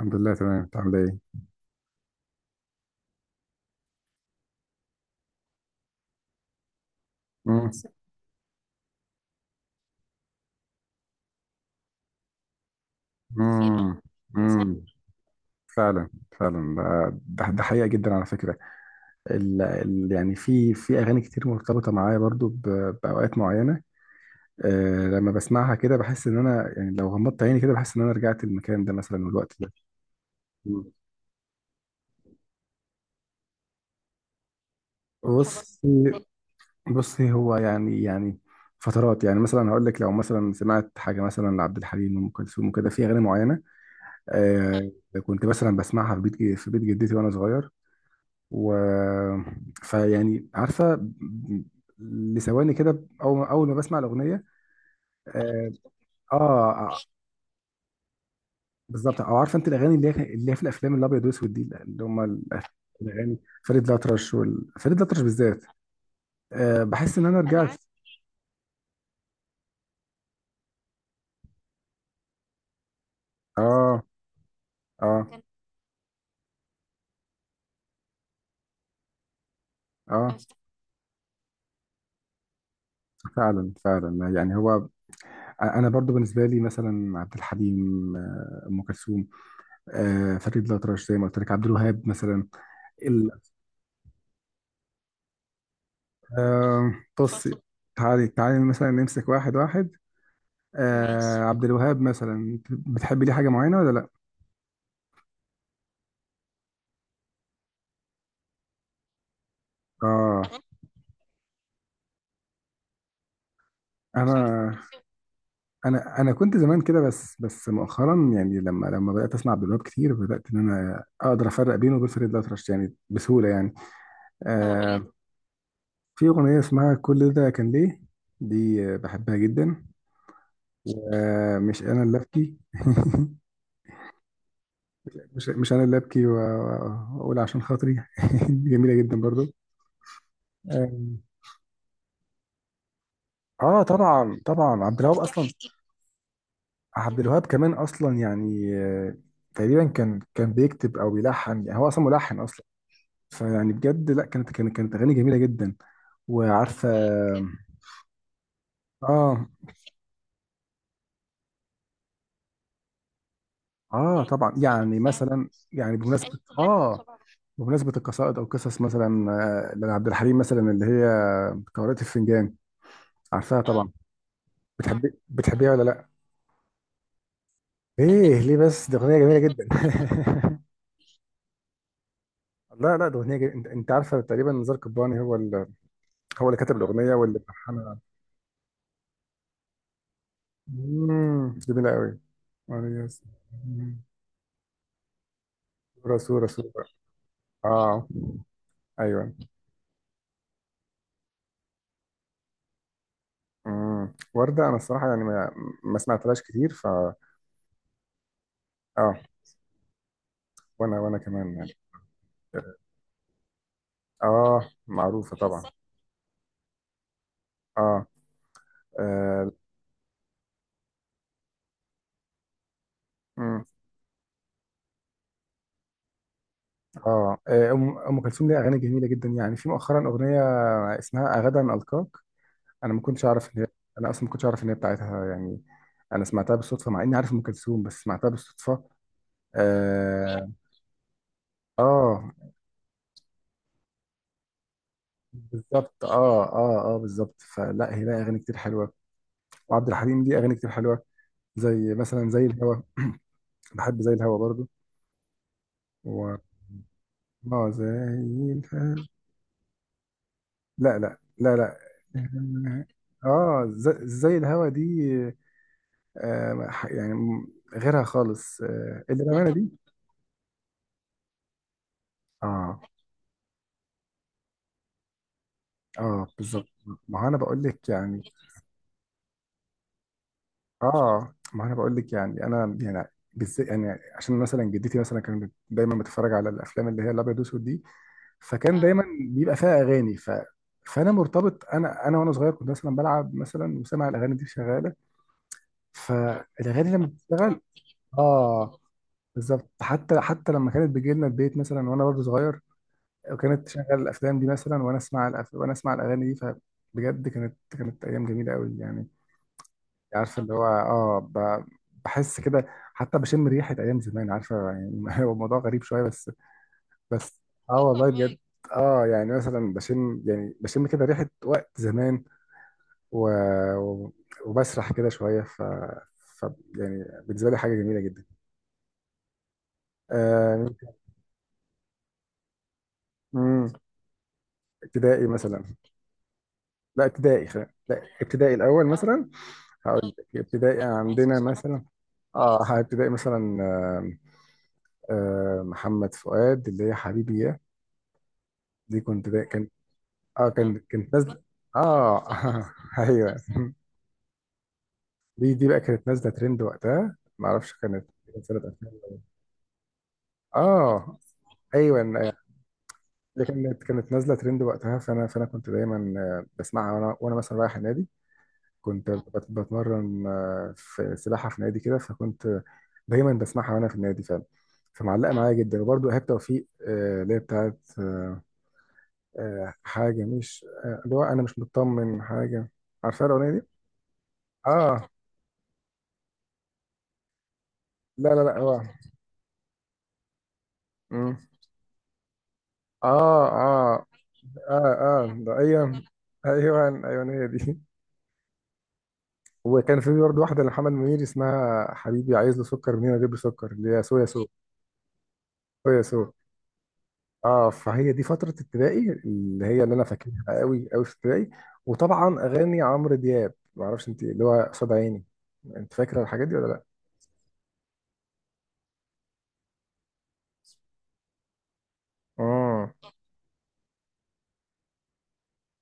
الحمد لله تمام، انت عامل ايه؟ مم. مم. مم. فعلا، فعلا. ده حقيقة جدا على فكرة. ال ال يعني في أغاني كتير مرتبطة معايا برضو بأوقات معينة. لما بسمعها كده بحس إن أنا، يعني لو غمضت عيني كده، بحس إن أنا رجعت المكان ده مثلا والوقت ده. مم. بص بصي، هو يعني فترات، يعني مثلا هقول لك لو مثلا سمعت حاجة مثلا لعبد الحليم وأم كلثوم وكده في أغاني معينة. أه. كنت مثلا بسمعها في بيت جدتي وأنا صغير، و فيعني عارفه لثواني كده، اول ما بسمع الاغنيه. اه، آه، بالظبط. او عارفه انت الاغاني اللي هي في الافلام الابيض واسود دي، اللي هم الاغاني، فريد الأطرش بالذات. بحس ان انا رجعت. اه، اه، اه. فعلا، فعلا، يعني هو انا برضو بالنسبه لي مثلا عبد الحليم، ام كلثوم، فريد الأطرش زي ما قلت لك، عبد الوهاب مثلا. بصي. تعالي تعالي مثلا نمسك واحد واحد. آه. عبد الوهاب مثلا بتحبي ليه حاجة معينة ولا لأ؟ اه. أنا أنا أنا كنت زمان كده، بس مؤخرا يعني لما بدأت أسمع عبد الوهاب كتير، بدأت إن أنا أقدر أفرق بينه وبين فريد الأطرش يعني بسهولة، يعني هو. آه. في أغنية اسمها كل ده كان ليه، دي آه، بحبها جدا. ومش أنا اللي أبكي مش أنا اللي أبكي وأقول عشان خاطري دي جميلة جدا برضو. آه، اه، طبعا، طبعا. عبد الوهاب اصلا بتحكي. عبد الوهاب كمان اصلا يعني، تقريبا كان بيكتب او بيلحن، يعني هو اصلا ملحن اصلا. فيعني بجد، لا، كانت اغاني جميله جدا وعارفه، جدا. اه، اه، يعني طبعا، يعني مثلا، يعني بمناسبه بتسألني كمان، طبعا، بمناسبه القصائد او قصص مثلا. آه، لعبد الحليم مثلا اللي هي قارئة الفنجان. عارفاها؟ اه، طبعا، طبعا. بتحبيها ولا لا؟ بحب، ليه بس دي اغنيه جميله جدا لا، لا، ده اغنيه انت عارفه، تقريبا نزار قباني هو اللي كاتب الاغنيه واللي ملحنها. امم، جميله قوي. ماريوس. مم. صوره صوره صوره. اه، ايوه. امم، ورده، انا الصراحه يعني ما سمعتلهاش كتير، ف... اه، وانا كمان يعني. اه، معروفه طبعا. اه. اه. مم. آه. آه، أم كلثوم ليها اغاني جميله جدا، يعني في مؤخرا اغنيه اسمها اغدا القاك. انا ما كنتش اعرف ان هي انا اصلا ما كنتش اعرف ان هي بتاعتها يعني. انا سمعتها بالصدفه مع اني عارف ام كلثوم، بس سمعتها بالصدفه. اه، آه، بالظبط، اه، اه، اه، بالظبط. فلا هي لها اغاني كتير حلوه، وعبد الحليم ليه اغاني كتير حلوه، زي مثلا زي الهوا. بحب زي الهوا برضو، و اه، زي الهوا. لا، لا، لا، لا. اه، زي, زي الهوا دي، آه يعني غيرها خالص، آه، اللي بأمانة دي. اه، اه، بالظبط. ما هو انا بقول لك يعني. اه، ما هو انا بقول لك يعني انا يعني، بالذات يعني، عشان مثلا جدتي مثلا كانت دايما بتتفرج على الافلام اللي هي الابيض واسود دي، فكان دايما بيبقى فيها اغاني، ف... فانا مرتبط، انا وانا صغير كنت مثلا بلعب مثلا وسامع الاغاني دي شغاله. اه. فالاغاني لما بتشتغل. اه، بالظبط. حتى لما كانت بتجي لنا البيت مثلا وانا برضه صغير، وكانت تشغل الافلام دي مثلا، وانا اسمع وانا اسمع الاغاني دي، فبجد كانت كانت ايام جميله قوي يعني. عارفه، اللي هو اه، بحس كده. حتى بشم ريحه ايام زمان، عارفه يعني هو الموضوع غريب شويه بس. بس، اه، اه، والله بجد فاهماك. اه، يعني مثلا بشم، يعني بشم كده ريحه وقت زمان، و... و- وبسرح كده شويه، ف يعني بالنسبه لي حاجه جميله جدا. آه... مم، ابتدائي مثلا. لا، ابتدائي خلينا، لا، ابتدائي الاول، اه، مثلا. هقول اه لك ابتدائي ماشي عندنا بصراحة مثلا. اه، اه، ابتدائي مثلا، آه، آه، محمد فؤاد اللي هي حبيبي. دي كنت دا كان، اه، اه، كانت نازله. اه ايوه. دي بقى كانت نازله ترند وقتها، ما اعرفش كانت. كانت سنه 2000، اه، ايوه، آه. دي كانت كانت نازله ترند وقتها، فانا كنت دايما، آه، بسمعها وانا مثلا رايح النادي. كنت بتمرن، آه، في سباحه في نادي كده، فكنت دايما بسمعها وانا في النادي فعلا. فمعلقه معايا جدا. وبرده ايهاب توفيق، آه، اللي هي بتاعت، آه، آه، حاجه مش، آه، اللي هو انا مش مطمن حاجه. عارفه الاغنيه؟ اه. لا هو. مم. اه، اه، اه، اه، ده، ايوه. ايوه، ايوه، هي دي. وكان في برضه واحده لمحمد منير اسمها حبيبي عايز له سكر منين اجيب له سكر، اللي هي سو يا سو، سو يا سو. اه، فهي دي فتره ابتدائي اللي هي اللي انا فاكرها قوي قوي في ابتدائي. وطبعا اغاني عمرو دياب، ما اعرفش انت، اللي هو قصاد عيني. انت فاكره الحاجات دي ولا لا؟ اه،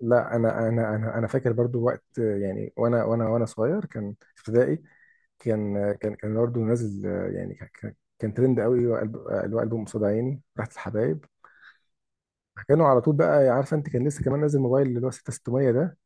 لا، انا فاكر برضو وقت يعني، وانا صغير كان في ابتدائي. كان برضه نازل، آه، يعني كان ترند قوي اللي هو، آه، اللي هو ألبوم قصاد عيني راحت الحبايب. فكانوا على طول بقى، عارفه، انت كان لسه كمان نازل موبايل اللي هو 6600 ده.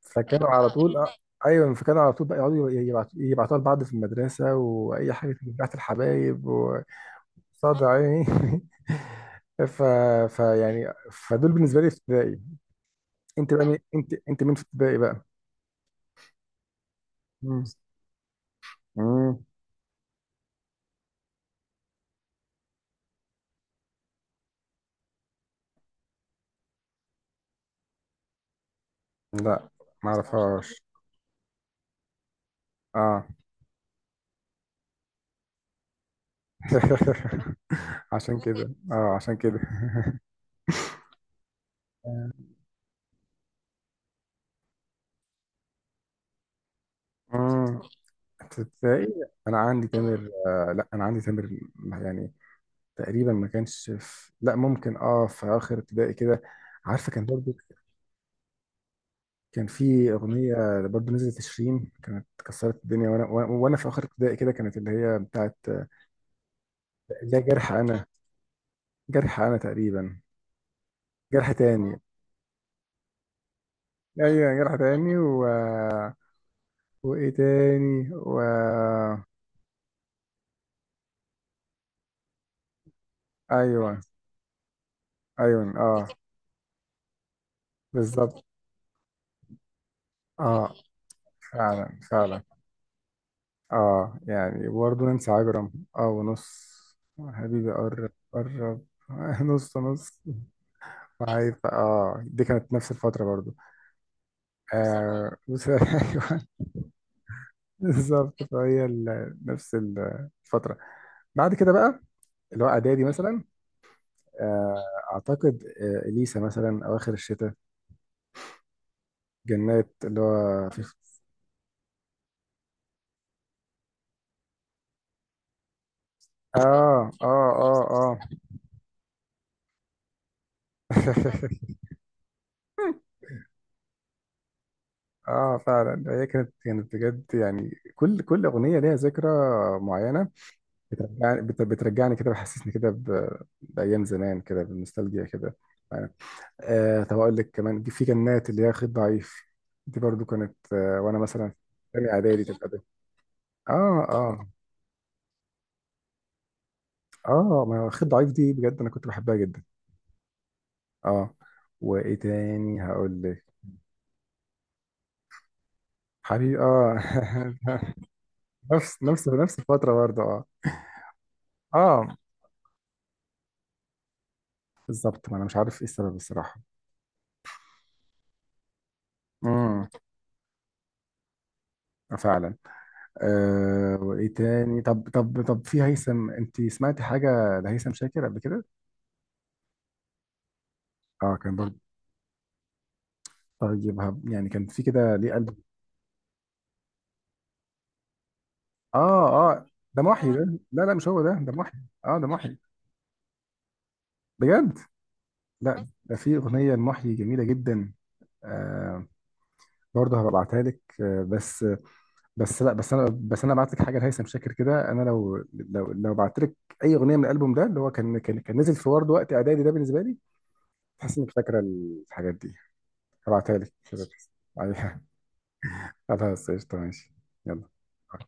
فكانوا على طول، آه، ايوه. فكانوا على طول بقى يقعدوا يبعتوا يبعتوها لبعض في المدرسه، واي حاجه بتاعت الحبايب وقصاد عيني ف فيعني فدول بالنسبه لي في ابتدائي. انت بقى مين؟ انت مين في ابتدائي بقى؟ مم. مم. لا، ما اعرفهاش. اه عشان كده اه، عشان كده اه، تلاقي، انا عندي تامر، آه، لا، انا عندي تامر، يعني تقريبا ما كانش في، لا، ممكن اه، في اخر ابتدائي كده. عارفه كان برضو كان في اغنيه برضو نزلت شيرين كانت كسرت الدنيا، وانا وانا وأنا في اخر ابتدائي كده، كانت اللي هي بتاعت، آه، اللي هي جرح انا. جرح انا تقريبا. جرح تاني. ايوه جرح تاني، وايه تاني ايوه، ايوه، اه، بالظبط، اه، فعلا، فعلا. اه، يعني برضه ننسى عجرم، اه ونص. حبيبي قرب قرب نص نص. وعايفة اه، دي كانت نفس الفترة برضه، آه بس ايوه. بالظبط، فهي نفس الفترة. بعد كده بقى اللي هو اعدادي مثلا. آه، اعتقد، آه، اليسا مثلا اواخر الشتاء. جنات، اللي هو في، اه، اه، اه، اه اه، فعلا. هي كانت كانت بجد، يعني كل اغنيه ليها ذكرى معينه. بترجعني، بترجعني كده، بحسسني كده بايام زمان كده، بالنوستالجيا كده يعني. آه، طب اقول لك كمان في جنات اللي هي خيط ضعيف، دي برضو كانت آه، وانا مثلا في تاني اعدادي، تالتة اعدادي. اه، اه، اه. ما هو خيط ضعيف دي بجد انا كنت بحبها جدا. اه. وايه تاني هقول لك؟ حبيبي، اه نفس الفتره برضه. اه، اه، بالظبط، ما انا مش عارف ايه السبب الصراحه. امم، آه، فعلا. أه، وايه تاني؟ طب في هيثم، انت سمعتي حاجه لهيثم شاكر قبل كده؟ اه، كان برضه. طيب يعني كان في كده ليه قلب، اه، اه، ده محيي ده. لا، لا، مش هو ده، ده محيي، اه، ده محيي. بجد. لا ده في اغنيه لمحيي جميله جدا، آه، برضه هبعتها لك، آه. بس، لا، بس انا بعت لك حاجه لهيثم شاكر كده. انا لو بعت لك اي اغنيه من الالبوم ده، اللي هو كان نزل في ورد وقت اعدادي ده بالنسبه لي، تحس انك فاكره الحاجات دي. هبعتها لك كده عليها. خلاص قشطة، ماشي. يلا.